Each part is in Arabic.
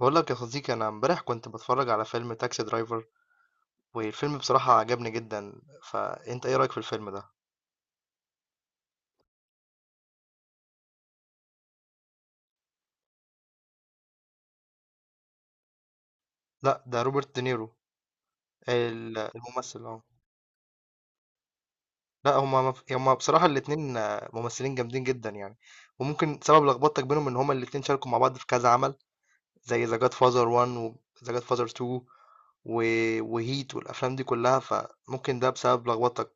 بقول لك يا صديقي، انا امبارح كنت بتفرج على فيلم تاكسي درايفر، والفيلم بصراحة عجبني جدا. فانت ايه رأيك في الفيلم ده؟ لا، ده روبرت دينيرو، الممثل. اه، لا، هما هما بصراحة الاتنين ممثلين جامدين جدا يعني. وممكن سبب لخبطتك بينهم ان هما الاتنين شاركوا مع بعض في كذا عمل، زي ذا جاد فازر 1 وذا جاد فازر 2 وهيت، والافلام دي كلها، فممكن ده بسبب لخبطتك.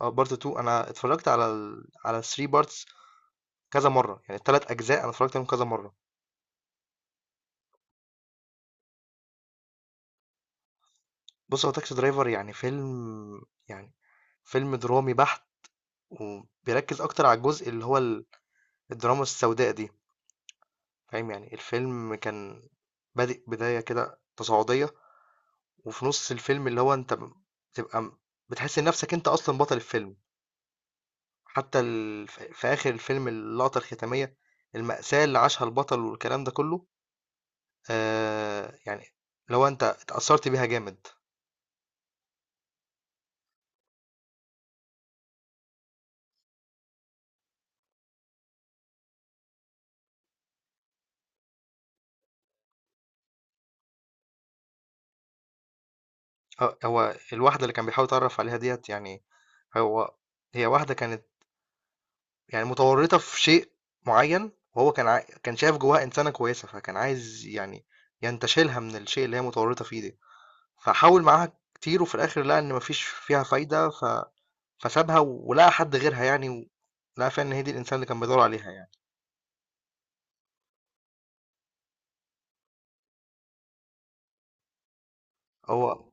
اه، بارت 2 انا اتفرجت على على 3 بارتس كذا مرة، يعني الثلاث اجزاء انا اتفرجت عليهم كذا مرة. بُص، هو تاكسي درايفر يعني فيلم، يعني فيلم درامي بحت، وبيركّز أكتر على الجزء اللي هو الدراما السوداء دي، فاهم؟ يعني الفيلم كان بادئ بداية كده تصاعدية، وفي نُص الفيلم اللي هو أنت ب بتبقى م بتحس إن نَفْسك أنت أصلًا بطل الفيلم. حتى ال ف في آخر الفيلم، اللقطة الختامية، المأساة اللي عاشها البطل والكلام ده كُلّه، يعني اللي هو أنت اتأثّرت بيها جامد. آه، هو الواحدة اللي كان بيحاول يتعرف عليها ديت، يعني هو هي واحدة كانت يعني متورطة في شيء معين، وهو كان كان شايف جواها إنسانة كويسة، فكان عايز يعني ينتشلها من الشيء اللي هي متورطة فيه ده. فحاول معاها كتير، وفي الآخر لقى إن مفيش فيها فايدة فسابها ولقى حد غيرها يعني، لقى فعلا إن هي دي الإنسان اللي كان بيدور عليها يعني. هو،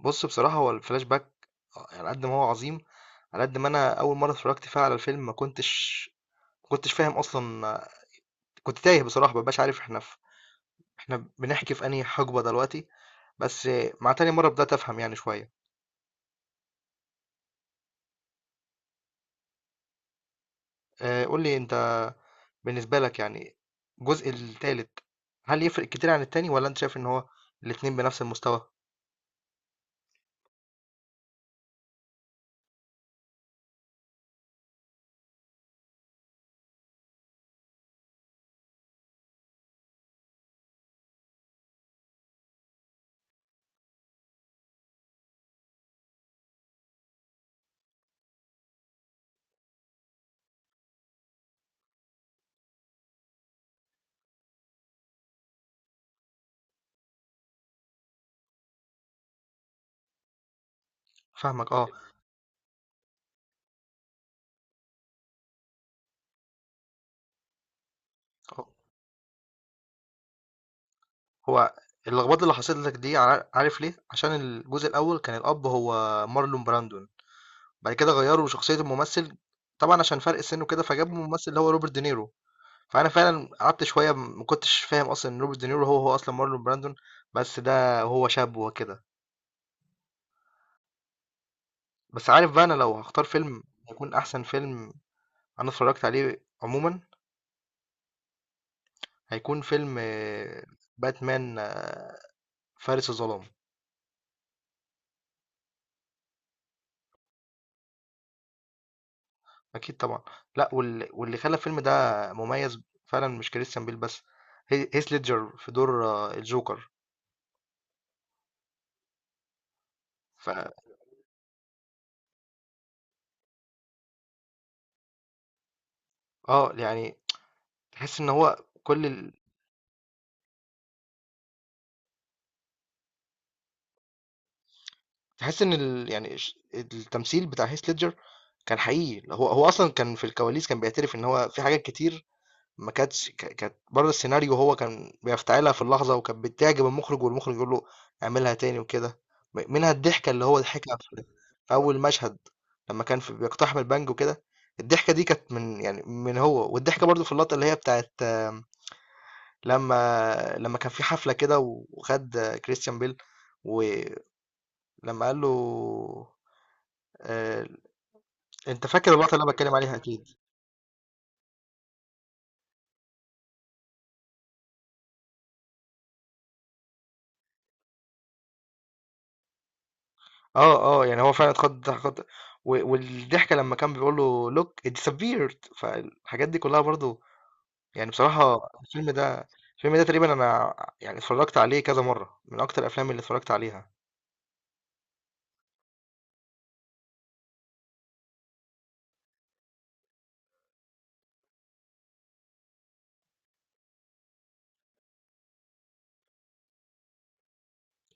بص بصراحة هو الفلاش باك، على قد ما هو عظيم، على قد ما أنا أول مرة اتفرجت فيها على الفيلم ما كنتش فاهم أصلا. كنت تايه بصراحة، مبقاش عارف احنا بنحكي في انهي حقبة دلوقتي. بس مع تاني مرة بدأت افهم يعني شوية. آه، قول لي انت، بالنسبة لك يعني الجزء التالت، هل يفرق كتير عن التاني، ولا انت شايف ان هو الاتنين بنفس المستوى؟ فاهمك، اه. هو اللخبطة اللي حصلت لك دي عارف ليه؟ عشان الجزء الاول كان الاب هو مارلون براندون. بعد كده غيروا شخصية الممثل، طبعا عشان فرق السن وكده، فجابوا الممثل اللي هو روبرت دينيرو. فانا فعلا قعدت شويه ما كنتش فاهم اصلا ان روبرت دينيرو هو اصلا مارلون براندون، بس ده هو شاب وكده. بس عارف بقى، انا لو هختار فيلم هيكون احسن فيلم انا اتفرجت عليه عموما، هيكون فيلم باتمان، فارس الظلام. اكيد طبعا. لا، واللي خلى الفيلم ده مميز فعلا مش كريستيان بيل بس، هيث ليدجر في دور الجوكر. ف اه، يعني تحس ان هو كل، تحس إن ال يعني ش التمثيل بتاع heath ledger كان حقيقي. هو أصلًا كان في الكواليس كان بيعترف إن هو في حاجات كتير ما كانتش ك كانت برّه السيناريو، هو كان بيفتعلها في اللحظة، وكانت بتعجب المخرج، والمخرج يقول له اعملها تاني وكده. منها الضحكة اللي هو ضحكها في في أول مشهد، لمّا كان بيقتحم البنك وكده، الضحكة دي كانت من يعني من هو. والضحكة برضه في اللقطة اللي هي بتاعة لمّا كان في حفلة كده، وخد كريستيان بيل، و لما قال له، آه، انت فاكر اللقطه اللي انا بتكلم عليها اكيد. اه اه، يعني هو فعلا اتخض، والضحكه لما كان بيقول له لوك ات disappeared. فالحاجات دي كلها برضو يعني، بصراحه الفيلم ده، الفيلم ده تقريبا انا يعني اتفرجت عليه كذا مره، من اكتر الافلام اللي اتفرجت عليها.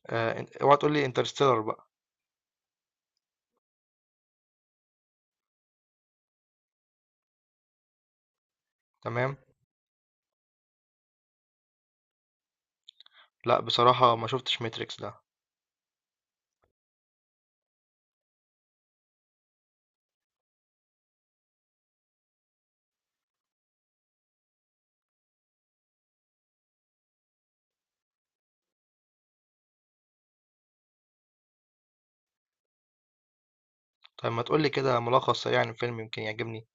اوعى تقول لي انترستيلر بقى. تمام. لا بصراحه ما شفتش ماتريكس ده. طيب ما تقول لي كده ملخص سريع عن الفيلم، يمكن يعجبني.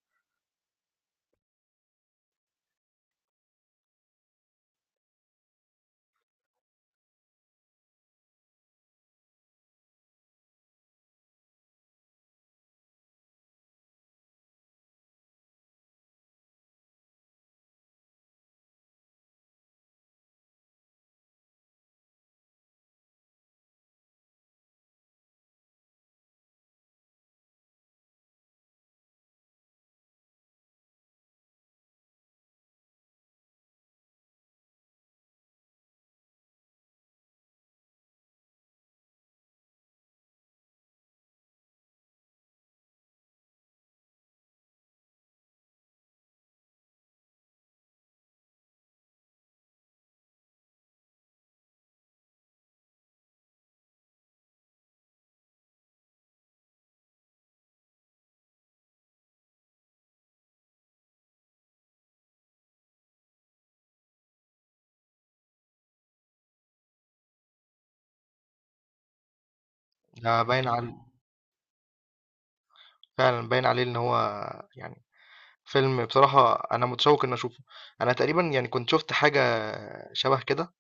ده باين على، فعلا باين عليه ان هو يعني فيلم، بصراحة أنا متشوق إن أشوفه. أنا تقريبا يعني كنت شفت حاجة شبه كده،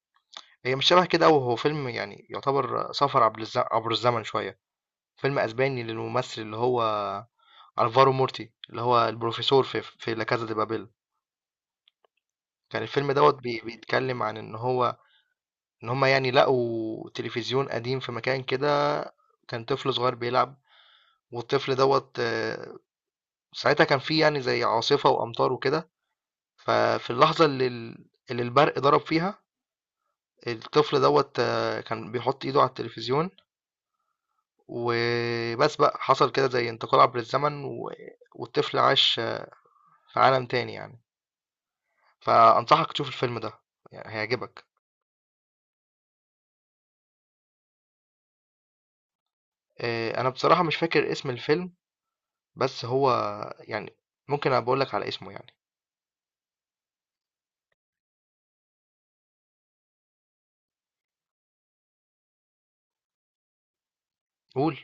هي مش شبه كده أوي، هو فيلم يعني يعتبر سفر عبر عبر الزمن شوية، فيلم أسباني للممثل اللي هو ألفارو مورتي، اللي هو البروفيسور في في لا كازا دي بابيل. كان الفيلم دوت بيتكلم عن إن هو، إن هما يعني لقوا تلفزيون قديم في مكان كده، كان طفل صغير بيلعب، والطفل دوت ساعتها كان فيه يعني زي عاصفة وأمطار وكده. ففي اللحظة اللي اللي البرق ضرب فيها، الطفل دوت كان بيحط ايده على التلفزيون، وبس بقى حصل كده زي انتقال عبر الزمن والطفل عاش في عالم تاني يعني. فأنصحك تشوف الفيلم ده، يعني هيعجبك. انا بصراحة مش فاكر اسم الفيلم، بس هو يعني ممكن أبقى اقولك على اسمه يعني. قول.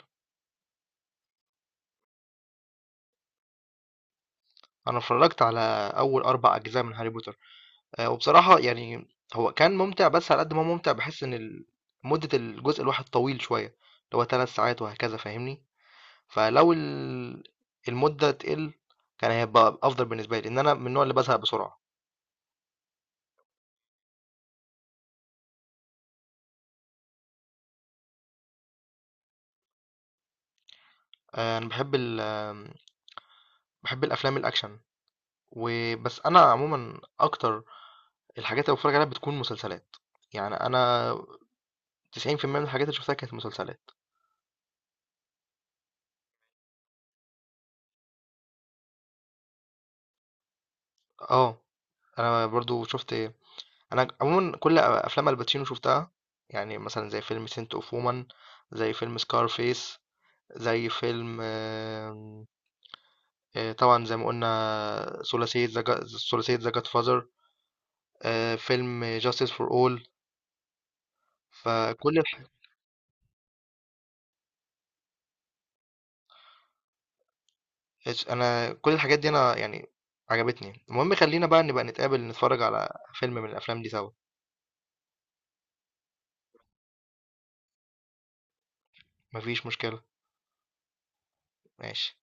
انا اتفرجت على اول اربع اجزاء من هاري بوتر. وبصراحة يعني هو كان ممتع، بس على قد ما هو ممتع بحس ان مدة الجزء الواحد طويل شوية، اللي هو ثلاث ساعات وهكذا، فاهمني؟ فلو المدة تقِل كان هيبقى أفضل بالنسبة لي، لإن أنا من النوع اللي بازهق بسرعة. أنا باحب ال آمم، باحب الأفلام الأكشن، و بس أنا عمومًا أكتر الحاجات اللي باتفرّج عليها بتكون مسلسلات. يعني أنا 90% من الحاجات اللي شُفتها كانت مسلسلات. آه، أنا برضه شُفت إيه، أنا عمومًا كل أفلام الباتشينو شُفتها، يعني مثلًا زي فيلم Scent of Woman، زي فيلم Scarface، زي فيلم، طبعا زي ما قلنا ثلاثية ذا جاد فازر، فيلم جاستس فور اول. فكل الح... انا كل الحاجات دي انا يعني عجبتني. المهم خلينا بقى نبقى نتقابل نتفرج على فيلم من الافلام دي سوا. مفيش مشكلة. ماشي.